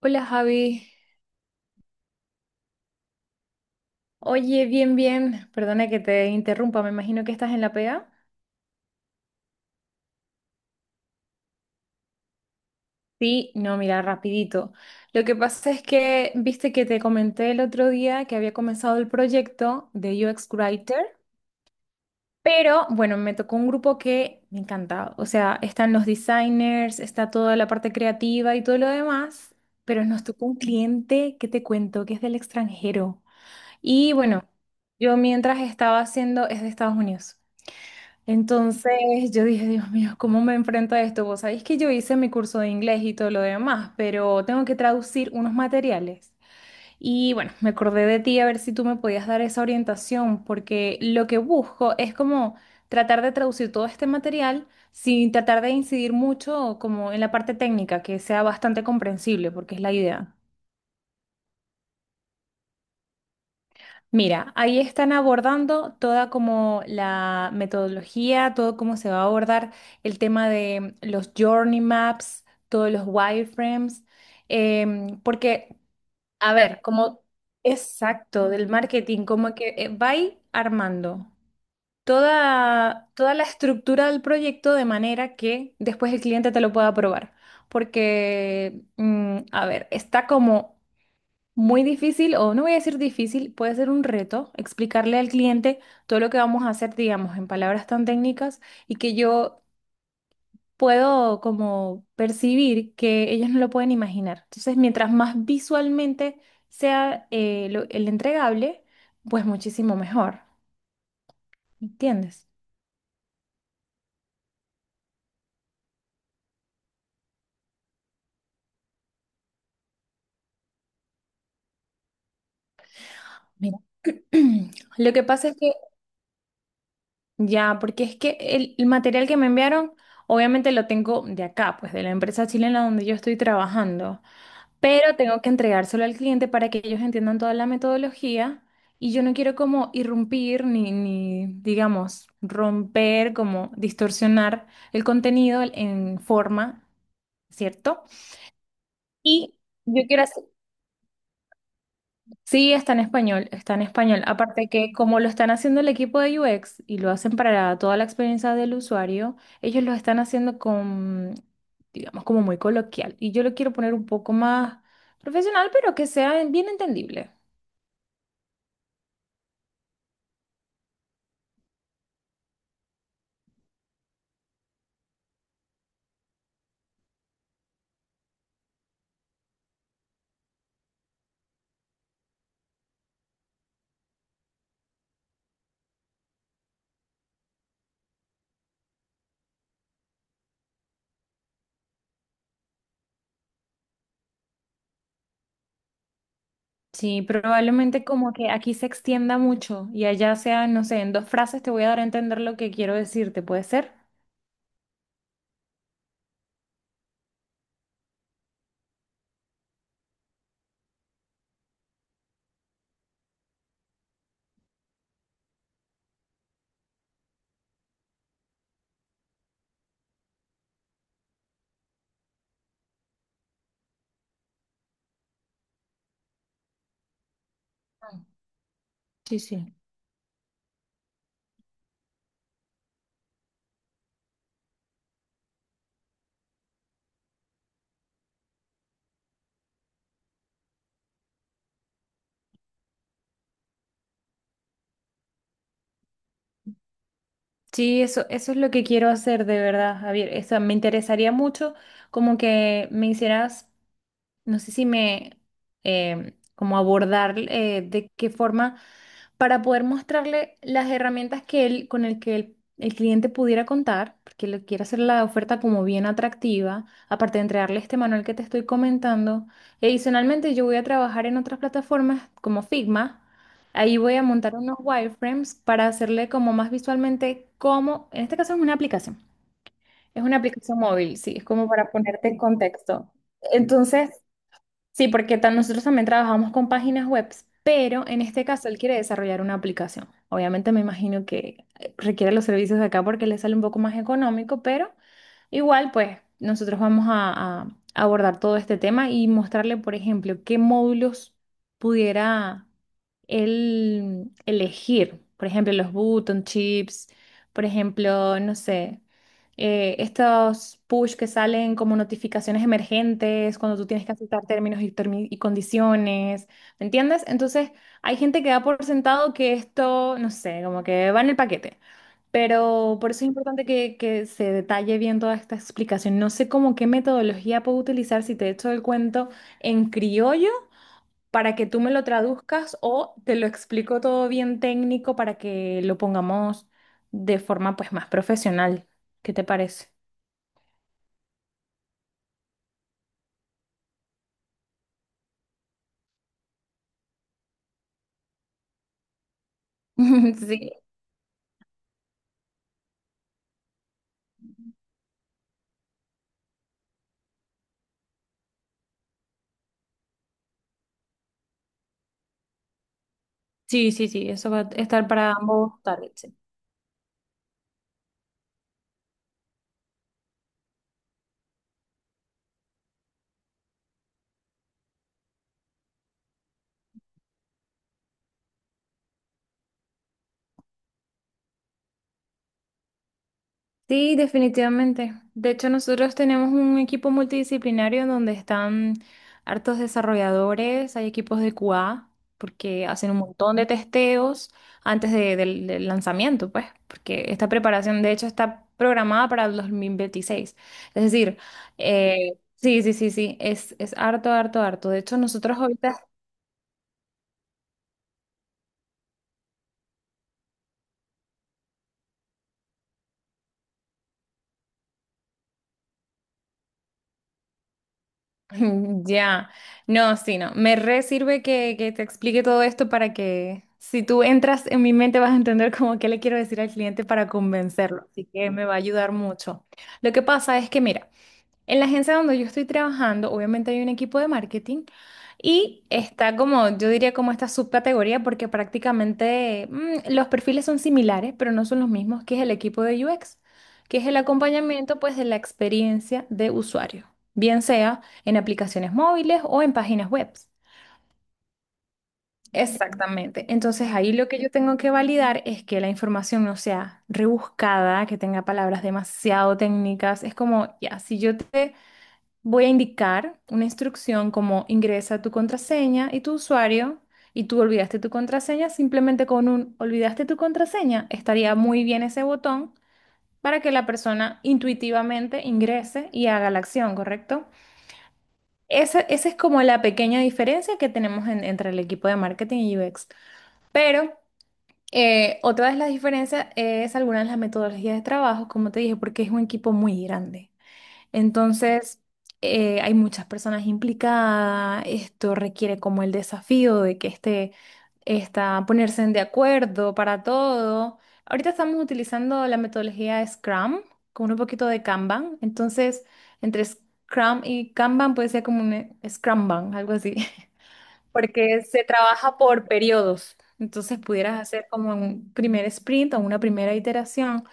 Hola Javi, oye, bien, bien, perdona que te interrumpa, me imagino que estás en la pega. Sí, no, mira, rapidito. Lo que pasa es que, viste que te comenté el otro día que había comenzado el proyecto de UX Writer, pero bueno, me tocó un grupo que me encanta, o sea, están los designers, está toda la parte creativa y todo lo demás, pero nos tocó un cliente que te cuento que es del extranjero. Y bueno, yo mientras estaba haciendo es de Estados Unidos. Entonces yo dije, Dios mío, ¿cómo me enfrento a esto? Vos sabéis que yo hice mi curso de inglés y todo lo demás, pero tengo que traducir unos materiales. Y bueno, me acordé de ti a ver si tú me podías dar esa orientación, porque lo que busco es como tratar de traducir todo este material sin tratar de incidir mucho como en la parte técnica, que sea bastante comprensible, porque es la idea. Mira, ahí están abordando toda como la metodología, todo cómo se va a abordar el tema de los journey maps, todos los wireframes, em, porque, a ver, como exacto del marketing, como que va ahí armando toda, toda la estructura del proyecto de manera que después el cliente te lo pueda probar. Porque, a ver, está como muy difícil, o no voy a decir difícil, puede ser un reto explicarle al cliente todo lo que vamos a hacer, digamos, en palabras tan técnicas y que yo puedo como percibir que ellos no lo pueden imaginar. Entonces, mientras más visualmente sea el entregable, pues muchísimo mejor, ¿entiendes? Mira. Lo que pasa es que ya, porque es que el material que me enviaron, obviamente lo tengo de acá, pues de la empresa chilena donde yo estoy trabajando. Pero tengo que entregárselo al cliente para que ellos entiendan toda la metodología y yo no quiero como irrumpir ni digamos, romper, como distorsionar el contenido en forma, ¿cierto? Y yo quiero hacer... Sí, está en español, está en español. Aparte que como lo están haciendo el equipo de UX y lo hacen para toda la experiencia del usuario, ellos lo están haciendo con, digamos, como muy coloquial. Y yo lo quiero poner un poco más profesional, pero que sea bien entendible. Sí, probablemente como que aquí se extienda mucho y allá sea, no sé, en dos frases te voy a dar a entender lo que quiero decirte, ¿puede ser? Mm, Sí, sí. Sí, eso es lo que quiero hacer de verdad, Javier. O sea, me interesaría mucho como que me hicieras no sé si me, em, como abordar de qué forma para poder mostrarle las herramientas que él, con el que el cliente pudiera contar, porque le quiero hacer la oferta como bien atractiva, aparte de entregarle este manual que te estoy comentando. Y adicionalmente yo voy a trabajar en otras plataformas como Figma. Ahí voy a montar unos wireframes para hacerle como más visualmente cómo, en este caso es una aplicación móvil, sí, es como para ponerte en contexto. Entonces, sí, porque nosotros también trabajamos con páginas web, pero en este caso él quiere desarrollar una aplicación. Obviamente me imagino que requiere los servicios de acá porque le sale un poco más económico, pero igual pues nosotros vamos a abordar todo este tema y mostrarle, por ejemplo, qué módulos pudiera él elegir. Por ejemplo, los button chips, por ejemplo, no sé, estos push que salen como notificaciones emergentes cuando tú tienes que aceptar y condiciones, ¿me entiendes? Entonces, hay gente que da por sentado que esto, no sé, como que va en el paquete, pero por eso es importante que se detalle bien toda esta explicación. No sé cómo qué metodología puedo utilizar si te echo el cuento en criollo, para que tú me lo traduzcas o te lo explico todo bien técnico para que lo pongamos de forma pues más profesional. ¿Qué te parece? Sí, sí, sí, sí, eso va a estar para ambos targets. Sí, sí, definitivamente. De hecho, nosotros tenemos un equipo multidisciplinario en donde están hartos desarrolladores, hay equipos de QA, porque hacen un montón de testeos del lanzamiento, pues, porque esta preparación, de hecho, está programada para el 2026. Es decir, sí, sí, sí, sí, es harto, harto, harto. De hecho, nosotros ahorita ya, no, sí, no. Me re sirve que te explique todo esto para que si tú entras en mi mente vas a entender como qué le quiero decir al cliente para convencerlo. Así que me va a ayudar mucho. Lo que pasa es que, mira, en la agencia donde yo estoy trabajando, obviamente hay un equipo de marketing y está como, yo diría como esta subcategoría porque prácticamente los perfiles son similares, pero no son los mismos, que es el equipo de UX, que es el acompañamiento pues de la experiencia de usuario, bien sea en aplicaciones móviles o en páginas web. Exactamente. Entonces ahí lo que yo tengo que validar es que la información no sea rebuscada, que tenga palabras demasiado técnicas. Es como, ya, si yo te voy a indicar una instrucción como ingresa tu contraseña y tu usuario y tú olvidaste tu contraseña, simplemente con un olvidaste tu contraseña estaría muy bien ese botón para que la persona intuitivamente ingrese y haga la acción, ¿correcto? Esa es como la pequeña diferencia que tenemos entre el equipo de marketing y UX. Pero otra de las diferencias es algunas de las metodologías de trabajo, como te dije, porque es un equipo muy grande. Entonces, hay muchas personas implicadas. Esto requiere como el desafío de que está ponerse en de acuerdo para todo. Ahorita estamos utilizando la metodología Scrum con un poquito de Kanban. Entonces, entre Scrum y Kanban puede ser como un Scrumban, algo así, porque se trabaja por periodos. Entonces, pudieras hacer como un primer sprint o una primera iteración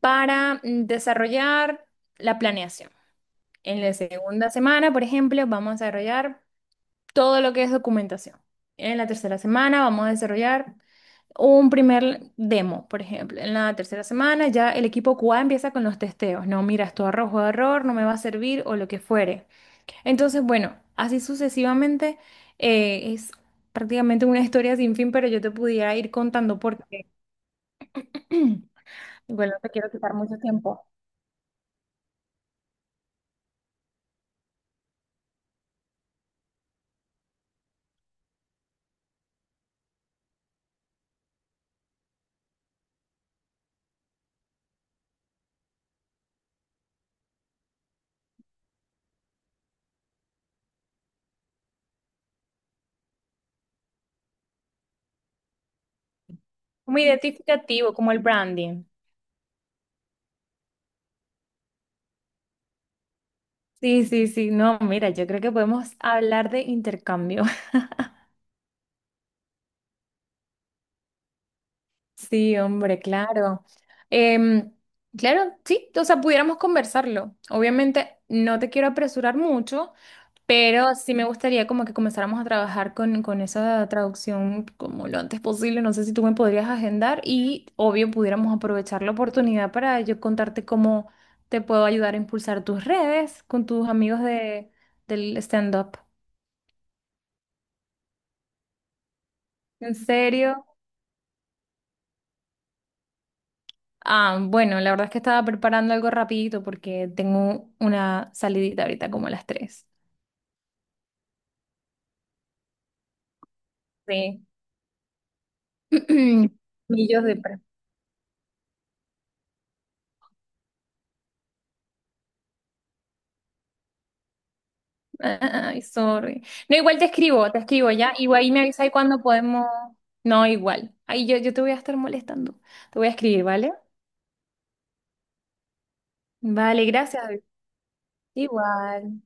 para desarrollar la planeación. En la segunda semana, por ejemplo, vamos a desarrollar todo lo que es documentación. En la tercera semana vamos a desarrollar un primer demo, por ejemplo. En la tercera semana ya el equipo QA empieza con los testeos. No, mira, esto arrojo error, no me va a servir o lo que fuere. Entonces, bueno, así sucesivamente es prácticamente una historia sin fin, pero yo te pudiera ir contando porque, bueno, no te quiero quitar mucho tiempo. Como identificativo, como el branding. Sí, sí, sí, no, mira, yo creo que podemos hablar de intercambio. Sí, hombre, claro. Em, claro, sí, o sea, pudiéramos conversarlo. Obviamente no te quiero apresurar mucho, pero sí me gustaría como que comenzáramos a trabajar con esa traducción como lo antes posible. No sé si tú me podrías agendar y obvio pudiéramos aprovechar la oportunidad para yo contarte cómo te puedo ayudar a impulsar tus redes con tus amigos de, del stand-up. ¿En serio? Ah, bueno, la verdad es que estaba preparando algo rapidito porque tengo una salidita ahorita como a las 3. Sí. Millos de... Ay, sorry. No, igual te escribo ya. Igual ahí me avisas cuando podemos... No, igual. Ahí yo te voy a estar molestando. Te voy a escribir, ¿vale? Vale, gracias. Igual.